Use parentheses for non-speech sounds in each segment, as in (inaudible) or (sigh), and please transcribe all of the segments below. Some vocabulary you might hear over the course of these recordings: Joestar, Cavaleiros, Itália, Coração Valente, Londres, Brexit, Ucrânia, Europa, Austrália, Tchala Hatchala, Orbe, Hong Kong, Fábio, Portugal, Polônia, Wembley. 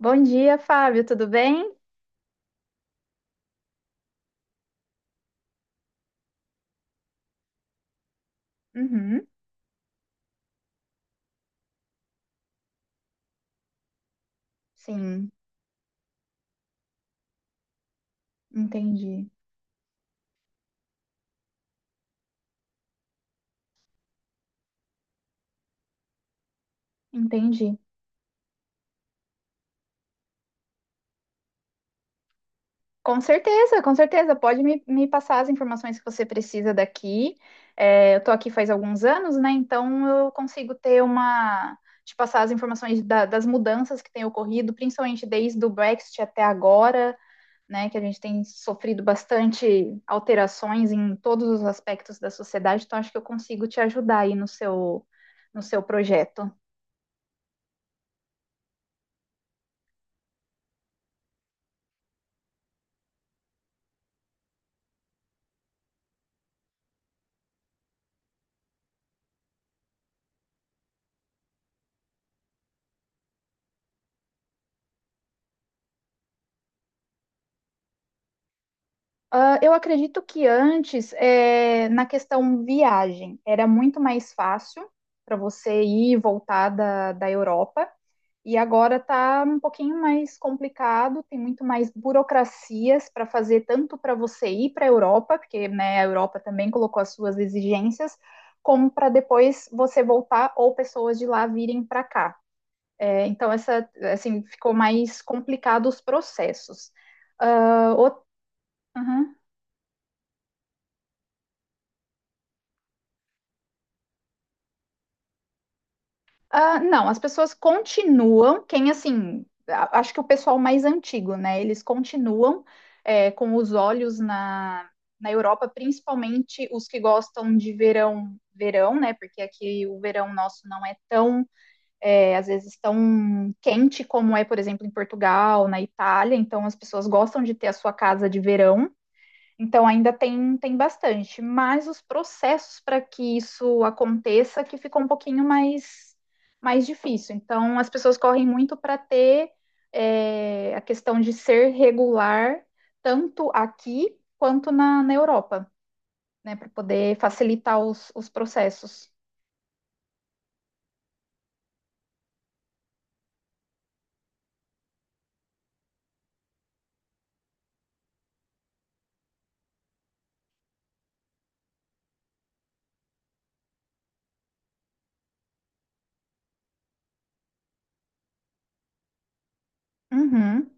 Bom dia, Fábio, tudo bem? Uhum, sim, entendi. Entendi. Com certeza, com certeza. Pode me passar as informações que você precisa daqui. É, eu tô aqui faz alguns anos, né? Então eu consigo ter uma. Te passar as informações das mudanças que têm ocorrido, principalmente desde o Brexit até agora, né? Que a gente tem sofrido bastante alterações em todos os aspectos da sociedade. Então acho que eu consigo te ajudar aí no seu projeto. Ah, eu acredito que antes, na questão viagem, era muito mais fácil para você ir e voltar da Europa, e agora está um pouquinho mais complicado, tem muito mais burocracias para fazer, tanto para você ir para a Europa, porque né, a Europa também colocou as suas exigências, como para depois você voltar ou pessoas de lá virem para cá. Então, essa, assim, ficou mais complicado os processos. Ah, o- Uhum. Ah, não, as pessoas continuam, quem assim, acho que o pessoal mais antigo, né? Eles continuam é, com os olhos na Europa, principalmente os que gostam de verão, verão, né? Porque aqui o verão nosso não é tão, é, às vezes, tão quente como é, por exemplo, em Portugal, na Itália. Então, as pessoas gostam de ter a sua casa de verão. Então ainda tem, tem bastante, mas os processos para que isso aconteça que ficou um pouquinho mais, mais difícil. Então as pessoas correm muito para ter é, a questão de ser regular, tanto aqui quanto na Europa, né? Para poder facilitar os processos. Uhum.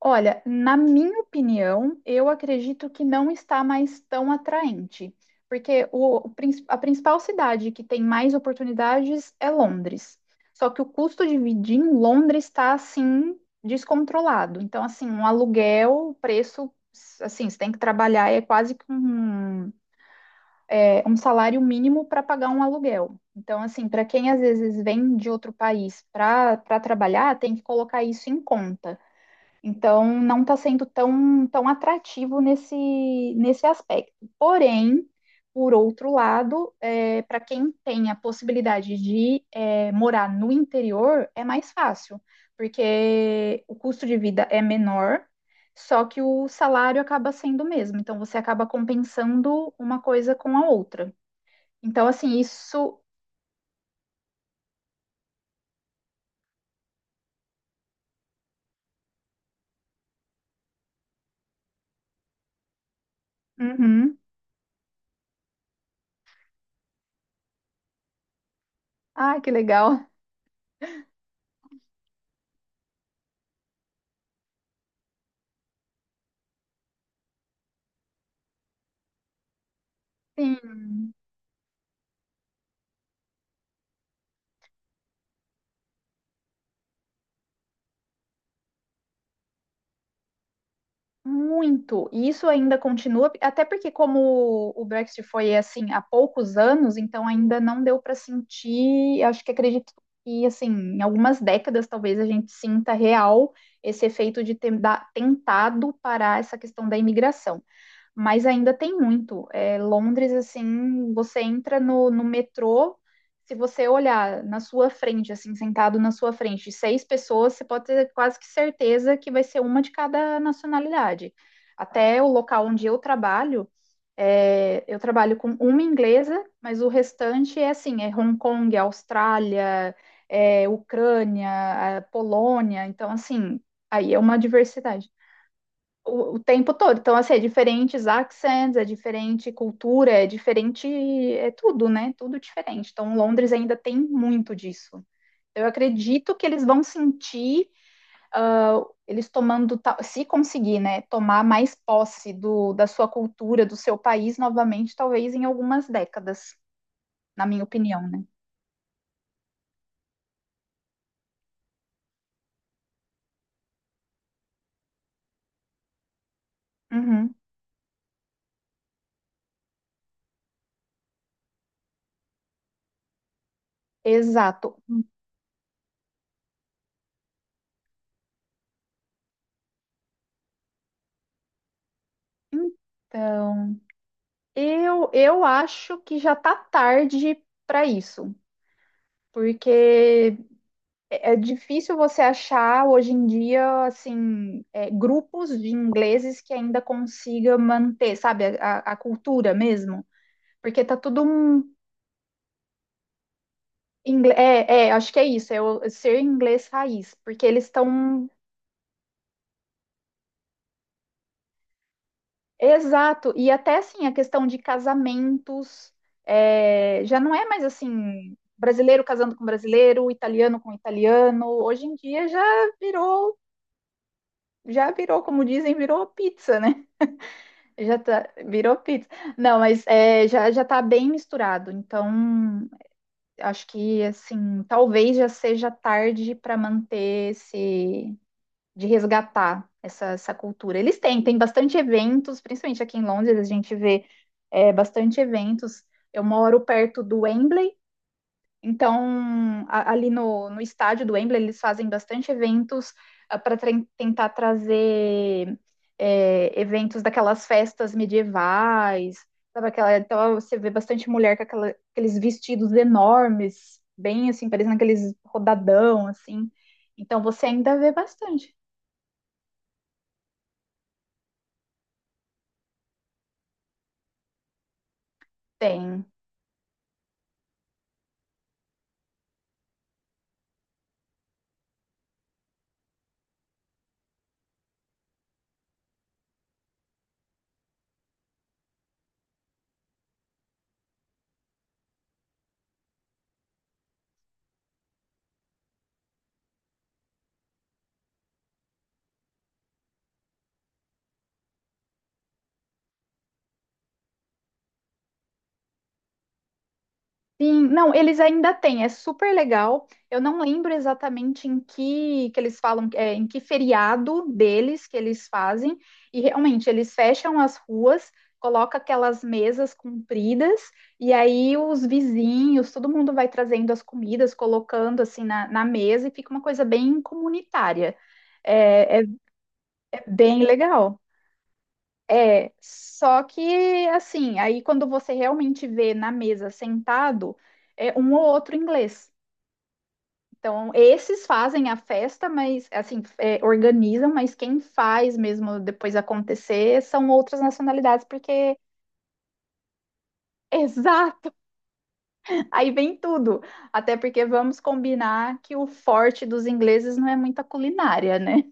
Olha, na minha opinião, eu acredito que não está mais tão atraente, porque a principal cidade que tem mais oportunidades é Londres. Só que o custo de vida em Londres está assim descontrolado. Então, assim, um aluguel, o preço, assim, você tem que trabalhar é quase que um, é, um salário mínimo para pagar um aluguel. Então, assim, para quem às vezes vem de outro país para trabalhar, tem que colocar isso em conta. Então, não está sendo tão, tão atrativo nesse, nesse aspecto. Porém, por outro lado, para quem tem a possibilidade de morar no interior, é mais fácil, porque o custo de vida é menor, só que o salário acaba sendo o mesmo. Então, você acaba compensando uma coisa com a outra. Então, assim, isso. Uhum. Ah, que legal. Sim. Muito. E isso ainda continua, até porque como o Brexit foi assim há poucos anos, então ainda não deu para sentir, acho que acredito que assim, em algumas décadas talvez a gente sinta real esse efeito de ter tentado parar essa questão da imigração, mas ainda tem muito. É, Londres, assim, você entra no metrô, se você olhar na sua frente, assim, sentado na sua frente, seis pessoas, você pode ter quase que certeza que vai ser uma de cada nacionalidade. Até o local onde eu trabalho, é, eu trabalho com uma inglesa, mas o restante é assim, é Hong Kong, é Austrália, é Ucrânia, é Polônia, então assim, aí é uma diversidade o tempo todo. Então, assim, é diferentes accents, é diferente cultura, é diferente, é tudo, né? Tudo diferente. Então, Londres ainda tem muito disso. Eu acredito que eles vão sentir, ah, eles tomando, se conseguir, né, tomar mais posse da sua cultura, do seu país novamente, talvez em algumas décadas, na minha opinião, né? Uhum, exato. Então, eu acho que já tá tarde para isso, porque é é difícil você achar hoje em dia, assim, é, grupos de ingleses que ainda consiga manter, sabe, a cultura mesmo. Porque tá tudo um. É, é, acho que é isso, é o ser inglês raiz. Porque eles estão. Exato. E até, assim, a questão de casamentos. É, já não é mais, assim, brasileiro casando com brasileiro, italiano com italiano. Hoje em dia já virou. Já virou, como dizem, virou pizza, né? Já tá, virou pizza. Não, mas é, já, já tá bem misturado. Então, acho que, assim, talvez já seja tarde para manter esse, de resgatar essa, essa cultura. Eles têm, tem bastante eventos, principalmente aqui em Londres, a gente vê é, bastante eventos. Eu moro perto do Wembley, então, ali no estádio do Wembley, eles fazem bastante eventos para tentar trazer é, eventos daquelas festas medievais, sabe aquela, então você vê bastante mulher com aqueles vestidos enormes, bem assim, parecendo aqueles rodadão, assim. Então, você ainda vê bastante. Tem. Sim, não, eles ainda têm, é super legal. Eu não lembro exatamente que eles falam, é, em que feriado deles que eles fazem, e realmente eles fecham as ruas, coloca aquelas mesas compridas, e aí os vizinhos, todo mundo vai trazendo as comidas, colocando assim na mesa, e fica uma coisa bem comunitária. é é- É bem legal. É, só que assim, aí quando você realmente vê na mesa sentado, é um ou outro inglês. Então, esses fazem a festa, mas assim, é, organizam, mas quem faz mesmo depois acontecer são outras nacionalidades, porque exato, (laughs) aí vem tudo. Até porque vamos combinar que o forte dos ingleses não é muita culinária, né?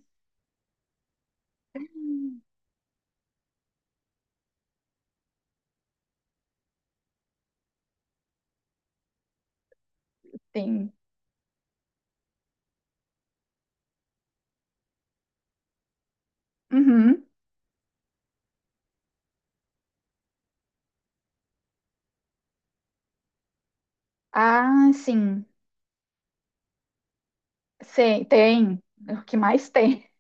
Tem. Uhum. Ah, sim. Sim, tem. O que mais tem?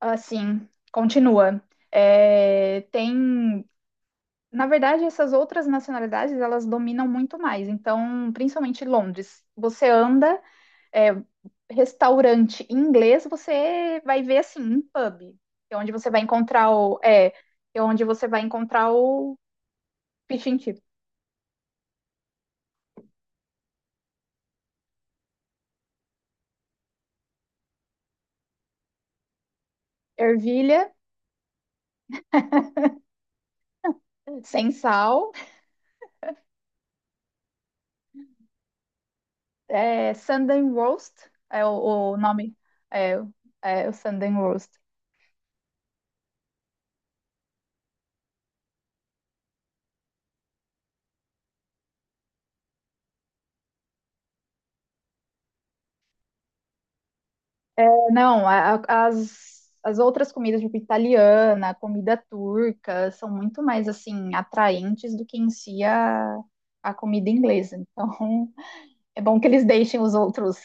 Assim, continua. É, tem, na verdade, essas outras nacionalidades, elas dominam muito mais. Então, principalmente Londres, você anda, é, restaurante em inglês, você vai ver assim, um pub, que é onde você vai encontrar o fish and chip. Ervilha sem sal, é, Sunday roast, é o nome, é, é o Sunday roast. Não, as outras comidas, tipo italiana, comida turca, são muito mais assim atraentes do que em si a comida inglesa. Então, (laughs) é bom que eles deixem os outros.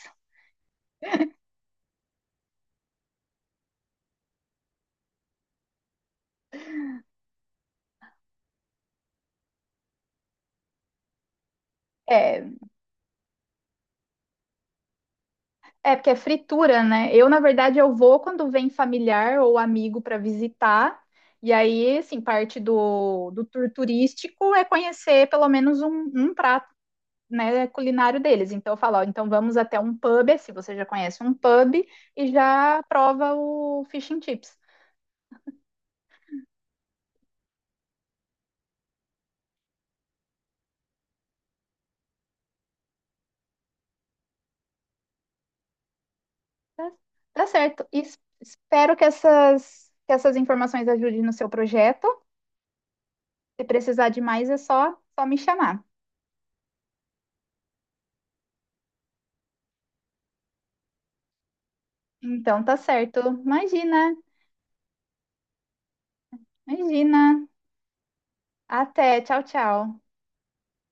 É, é porque é fritura, né? Eu, na verdade, eu vou quando vem familiar ou amigo para visitar. E aí, assim, parte do tour turístico é conhecer pelo menos um, um prato né, culinário deles. Então eu falo, ó, então vamos até um pub, se você já conhece um pub, e já prova o fish and chips. Tá, tá certo. E espero que essas informações ajudem no seu projeto. Se precisar de mais, é só me chamar. Então tá certo. Imagina, imagina. Até, tchau, tchau.